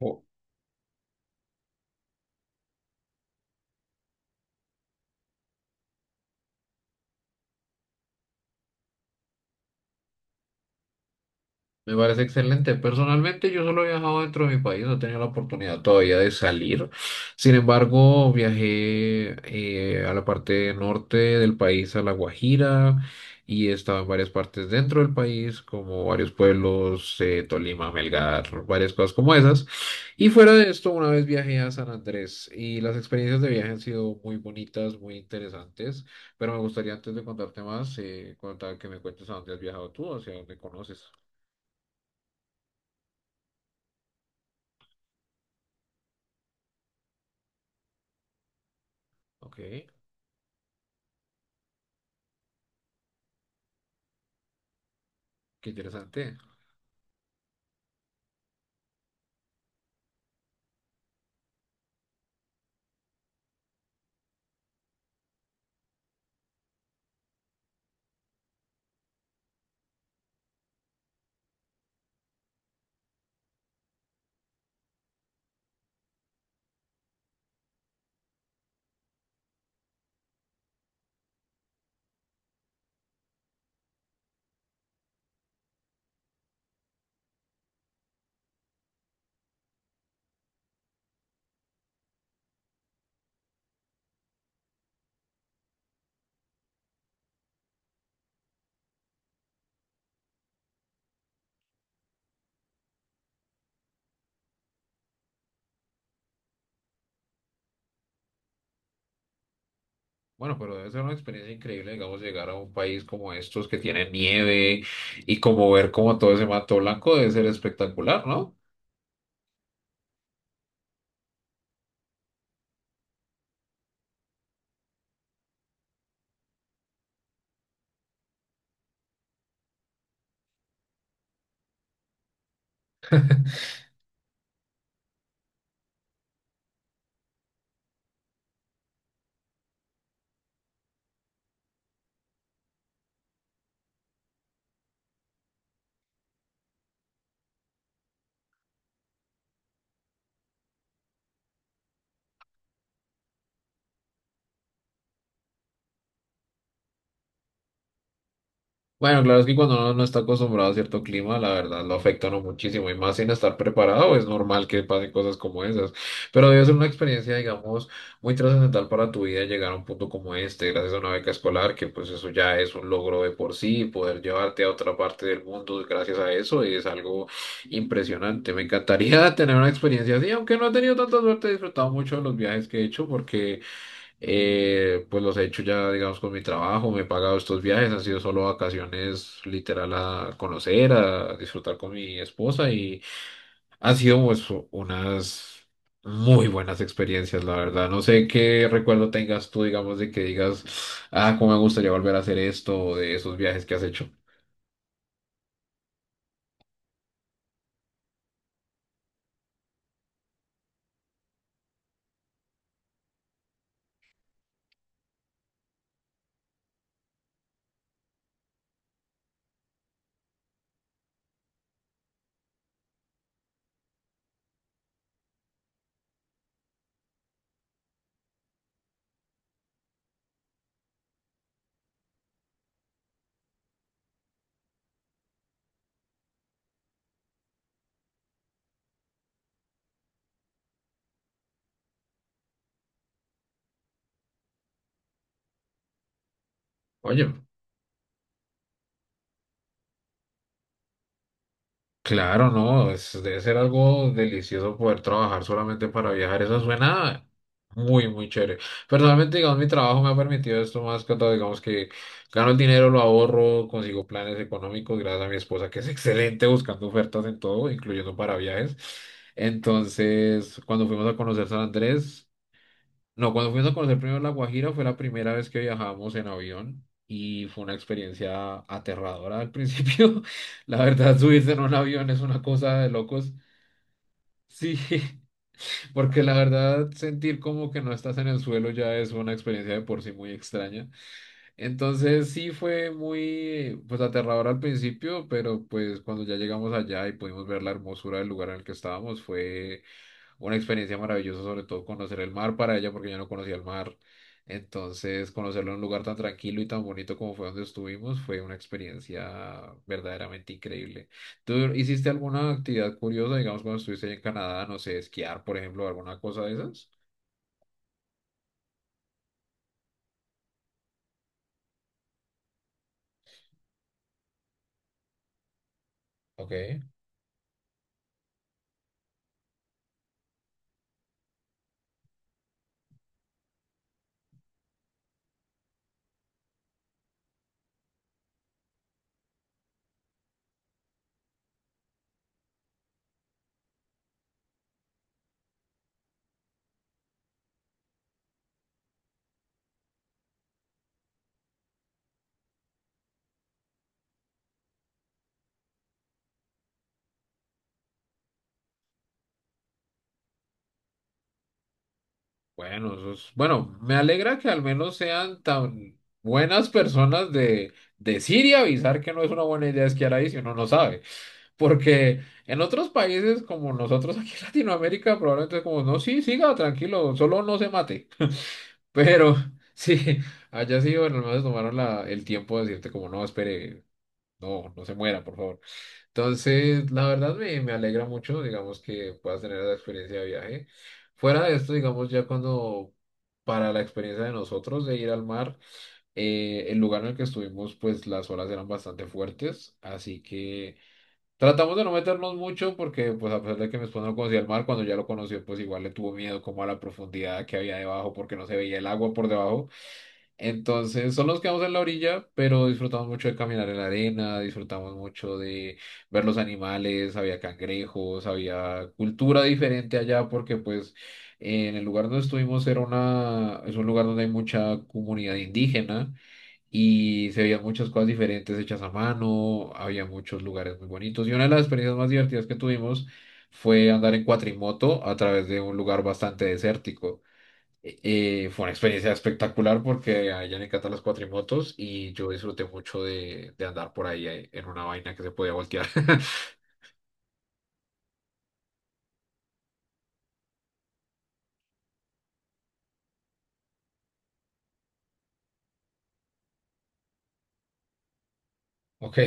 Oh, me parece excelente. Personalmente, yo solo he viajado dentro de mi país, no he tenido la oportunidad todavía de salir. Sin embargo, viajé a la parte norte del país, a La Guajira, y he estado en varias partes dentro del país, como varios pueblos, Tolima, Melgar, varias cosas como esas. Y fuera de esto, una vez viajé a San Andrés y las experiencias de viaje han sido muy bonitas, muy interesantes. Pero me gustaría antes de contarte más, contar que me cuentes a dónde has viajado tú, hacia dónde conoces. Ok, qué interesante. Bueno, pero debe ser una experiencia increíble, digamos, llegar a un país como estos que tiene nieve y como ver como todo ese mato blanco debe ser espectacular, ¿no? Bueno, claro, es que cuando uno no está acostumbrado a cierto clima, la verdad lo afecta a uno muchísimo y más sin estar preparado, es normal que pasen cosas como esas. Pero debe ser una experiencia, digamos, muy trascendental para tu vida llegar a un punto como este, gracias a una beca escolar, que pues eso ya es un logro de por sí, poder llevarte a otra parte del mundo gracias a eso es algo impresionante. Me encantaría tener una experiencia así, aunque no he tenido tanta suerte, he disfrutado mucho de los viajes que he hecho porque... Pues los he hecho ya, digamos, con mi trabajo, me he pagado estos viajes, han sido solo vacaciones literal a conocer, a disfrutar con mi esposa y han sido pues unas muy buenas experiencias, la verdad. No sé qué recuerdo tengas tú, digamos, de que digas, ah, cómo me gustaría volver a hacer esto o de esos viajes que has hecho. Oye. Claro, no, debe ser algo delicioso poder trabajar solamente para viajar. Eso suena muy, muy chévere. Personalmente, digamos, mi trabajo me ha permitido esto más que todo. Digamos que gano el dinero, lo ahorro, consigo planes económicos gracias a mi esposa, que es excelente buscando ofertas en todo, incluyendo para viajes. Entonces, cuando fuimos a conocer San Andrés, no, cuando fuimos a conocer primero La Guajira fue la primera vez que viajamos en avión y fue una experiencia aterradora al principio. La verdad, subirse en un avión es una cosa de locos. Sí, porque la verdad sentir como que no estás en el suelo ya es una experiencia de por sí muy extraña. Entonces sí fue muy pues aterrador al principio, pero pues cuando ya llegamos allá y pudimos ver la hermosura del lugar en el que estábamos fue una experiencia maravillosa, sobre todo conocer el mar para ella, porque yo no conocía el mar. Entonces, conocerlo en un lugar tan tranquilo y tan bonito como fue donde estuvimos fue una experiencia verdaderamente increíble. ¿Tú hiciste alguna actividad curiosa, digamos, cuando estuviste ahí en Canadá, no sé, esquiar, por ejemplo, alguna cosa de esas? Ok. Bueno, bueno, me alegra que al menos sean tan buenas personas de decir y avisar que no es una buena idea esquiar ahí si uno no sabe. Porque en otros países como nosotros aquí en Latinoamérica probablemente es como, no, sí, siga tranquilo, solo no se mate. Pero sí, allá sí, bueno, al menos tomaron el tiempo de decirte como, no, espere, no, no se muera, por favor. Entonces, la verdad me alegra mucho, digamos, que puedas tener esa experiencia de viaje. Fuera de esto, digamos, ya cuando para la experiencia de nosotros de ir al mar, el lugar en el que estuvimos, pues las olas eran bastante fuertes, así que... Tratamos de no meternos mucho porque, pues, a pesar de que mi esposa no conocía el mar, cuando ya lo conoció, pues igual le tuvo miedo como a la profundidad que había debajo porque no se veía el agua por debajo. Entonces, solo nos quedamos en la orilla, pero disfrutamos mucho de caminar en la arena, disfrutamos mucho de ver los animales, había cangrejos, había cultura diferente allá porque, pues, en el lugar donde estuvimos era es un lugar donde hay mucha comunidad indígena y se veían muchas cosas diferentes hechas a mano, había muchos lugares muy bonitos y una de las experiencias más divertidas que tuvimos fue andar en cuatrimoto a través de un lugar bastante desértico. Eh, fue una experiencia espectacular porque a ella le encantan las cuatrimotos y yo disfruté mucho de andar por ahí en una vaina que se podía voltear. Ok.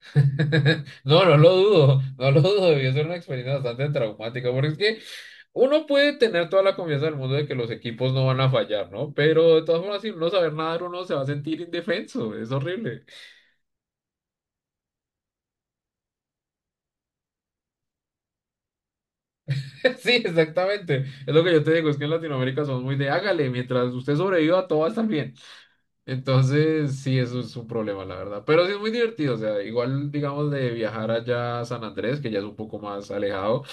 No, no lo dudo, no lo dudo, debió ser una experiencia bastante traumática, porque es que uno puede tener toda la confianza del mundo de que los equipos no van a fallar, ¿no? Pero de todas formas, sin no saber nadar, uno se va a sentir indefenso, es horrible. Sí, exactamente, es lo que yo te digo, es que en Latinoamérica somos muy de hágale, mientras usted sobreviva, todo va a estar bien. Entonces, sí, eso es un problema, la verdad. Pero sí es muy divertido, o sea, igual, digamos, de viajar allá a San Andrés, que ya es un poco más alejado,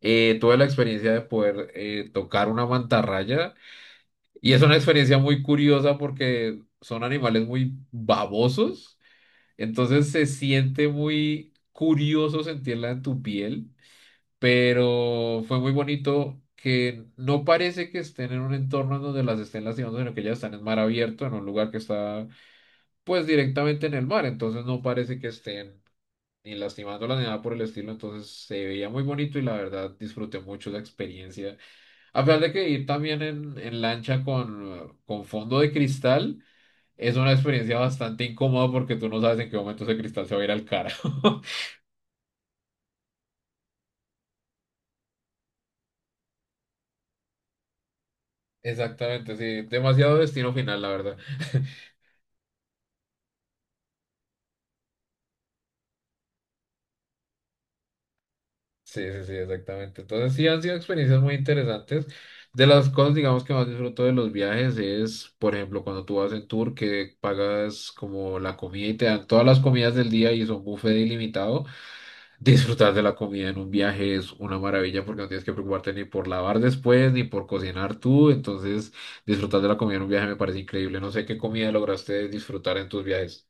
tuve la experiencia de poder tocar una mantarraya y es una experiencia muy curiosa porque son animales muy babosos, entonces se siente muy curioso sentirla en tu piel, pero fue muy bonito. Que no parece que estén en un entorno en donde las estén lastimando, sino que ellas están en mar abierto, en un lugar que está pues directamente en el mar, entonces no parece que estén ni lastimándola ni nada por el estilo, entonces se veía muy bonito y la verdad disfruté mucho la experiencia. A pesar de que ir también en, lancha con fondo de cristal es una experiencia bastante incómoda porque tú no sabes en qué momento ese cristal se va a ir al cara. Exactamente, sí, demasiado destino final, la verdad. Sí, sí, sí, exactamente. Entonces sí han sido experiencias muy interesantes. De las cosas, digamos, que más disfruto de los viajes es, por ejemplo, cuando tú vas en tour que pagas como la comida y te dan todas las comidas del día y son buffet ilimitado. Disfrutar de la comida en un viaje es una maravilla porque no tienes que preocuparte ni por lavar después ni por cocinar tú. Entonces, disfrutar de la comida en un viaje me parece increíble. No sé qué comida lograste disfrutar en tus viajes.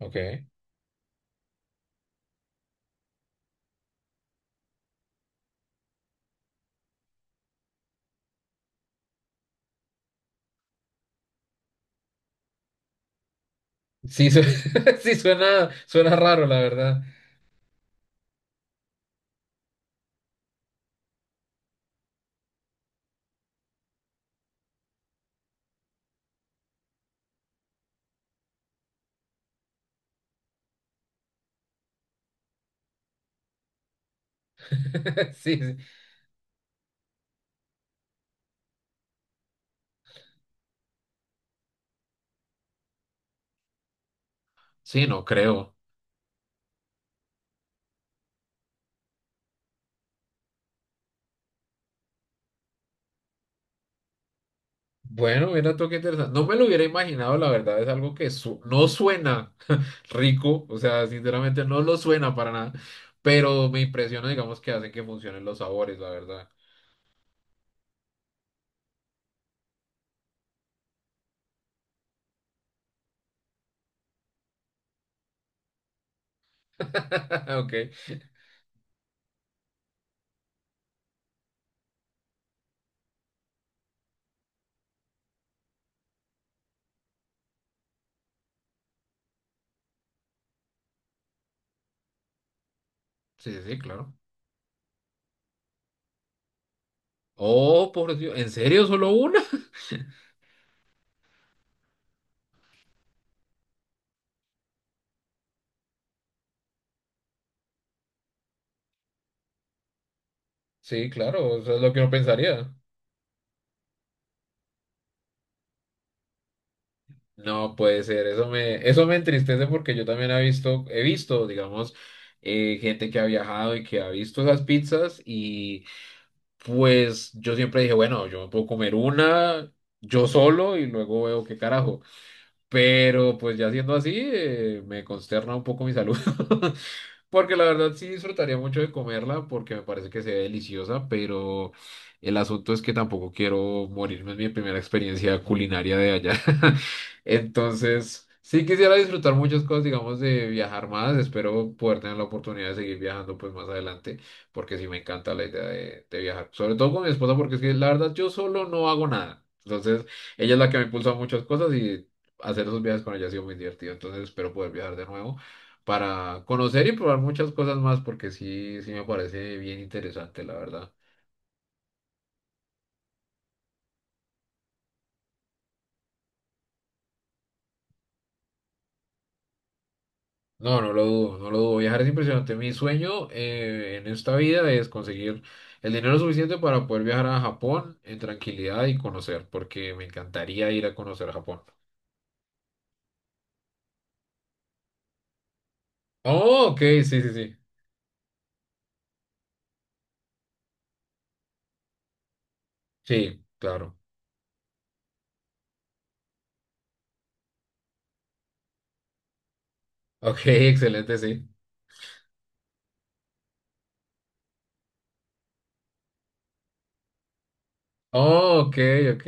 Ok. Sí, sí suena, suena raro, la verdad. Sí, sí. Sí, no creo. Bueno, mira tú qué interesante. No me lo hubiera imaginado, la verdad, es algo que no suena rico, o sea, sinceramente no lo suena para nada, pero me impresiona, digamos, que hacen que funcionen los sabores, la verdad. Ok, sí, sí, sí, claro. Oh, por Dios, ¿en serio solo una? Sí, claro, eso es lo que uno pensaría. No puede ser, eso me, entristece porque yo también he visto, digamos, gente que ha viajado y que ha visto esas pizzas. Pues yo siempre dije, bueno, yo me puedo comer una yo solo y luego veo qué carajo. Pero pues ya siendo así, me consterna un poco mi salud. Porque la verdad sí disfrutaría mucho de comerla porque me parece que se ve deliciosa, pero el asunto es que tampoco quiero morirme en mi primera experiencia culinaria de allá. Entonces, sí quisiera disfrutar muchas cosas, digamos, de viajar más. Espero poder tener la oportunidad de seguir viajando pues más adelante, porque sí me encanta la idea de viajar. Sobre todo con mi esposa, porque es que la verdad yo solo no hago nada. Entonces, ella es la que me impulsa a muchas cosas y hacer esos viajes con ella ha sido muy divertido. Entonces, espero poder viajar de nuevo para conocer y probar muchas cosas más, porque sí, sí me parece bien interesante, la verdad. No, no lo dudo, no lo dudo. Viajar es impresionante. Mi sueño en esta vida es conseguir el dinero suficiente para poder viajar a Japón en tranquilidad y conocer, porque me encantaría ir a conocer Japón. Oh, ok, sí, sí, sí. Sí, claro. Ok, excelente, sí. Oh, ok, ok.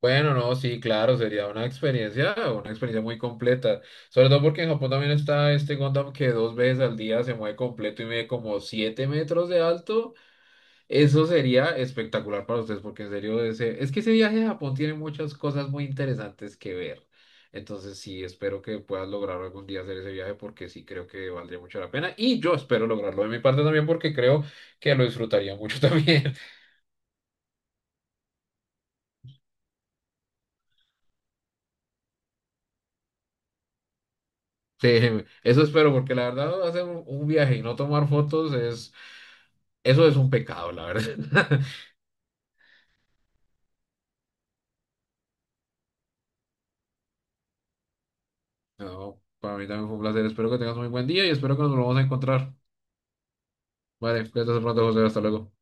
Bueno, no, sí, claro, sería una experiencia muy completa. Sobre todo porque en Japón también está este Gundam que dos veces al día se mueve completo y mide como 7 metros de alto. Eso sería espectacular para ustedes, porque en serio, ese, es que ese viaje a Japón tiene muchas cosas muy interesantes que ver. Entonces, sí, espero que puedas lograr algún día hacer ese viaje, porque sí creo que valdría mucho la pena. Y yo espero lograrlo de mi parte también, porque creo que lo disfrutaría mucho también. Sí, eso espero, porque la verdad hacer un viaje y no tomar fotos es, eso es un pecado, la verdad. No, para mí también fue un placer. Espero que tengas un muy buen día y espero que nos volvamos a encontrar. Vale, cuídate hasta pronto, José. Hasta luego.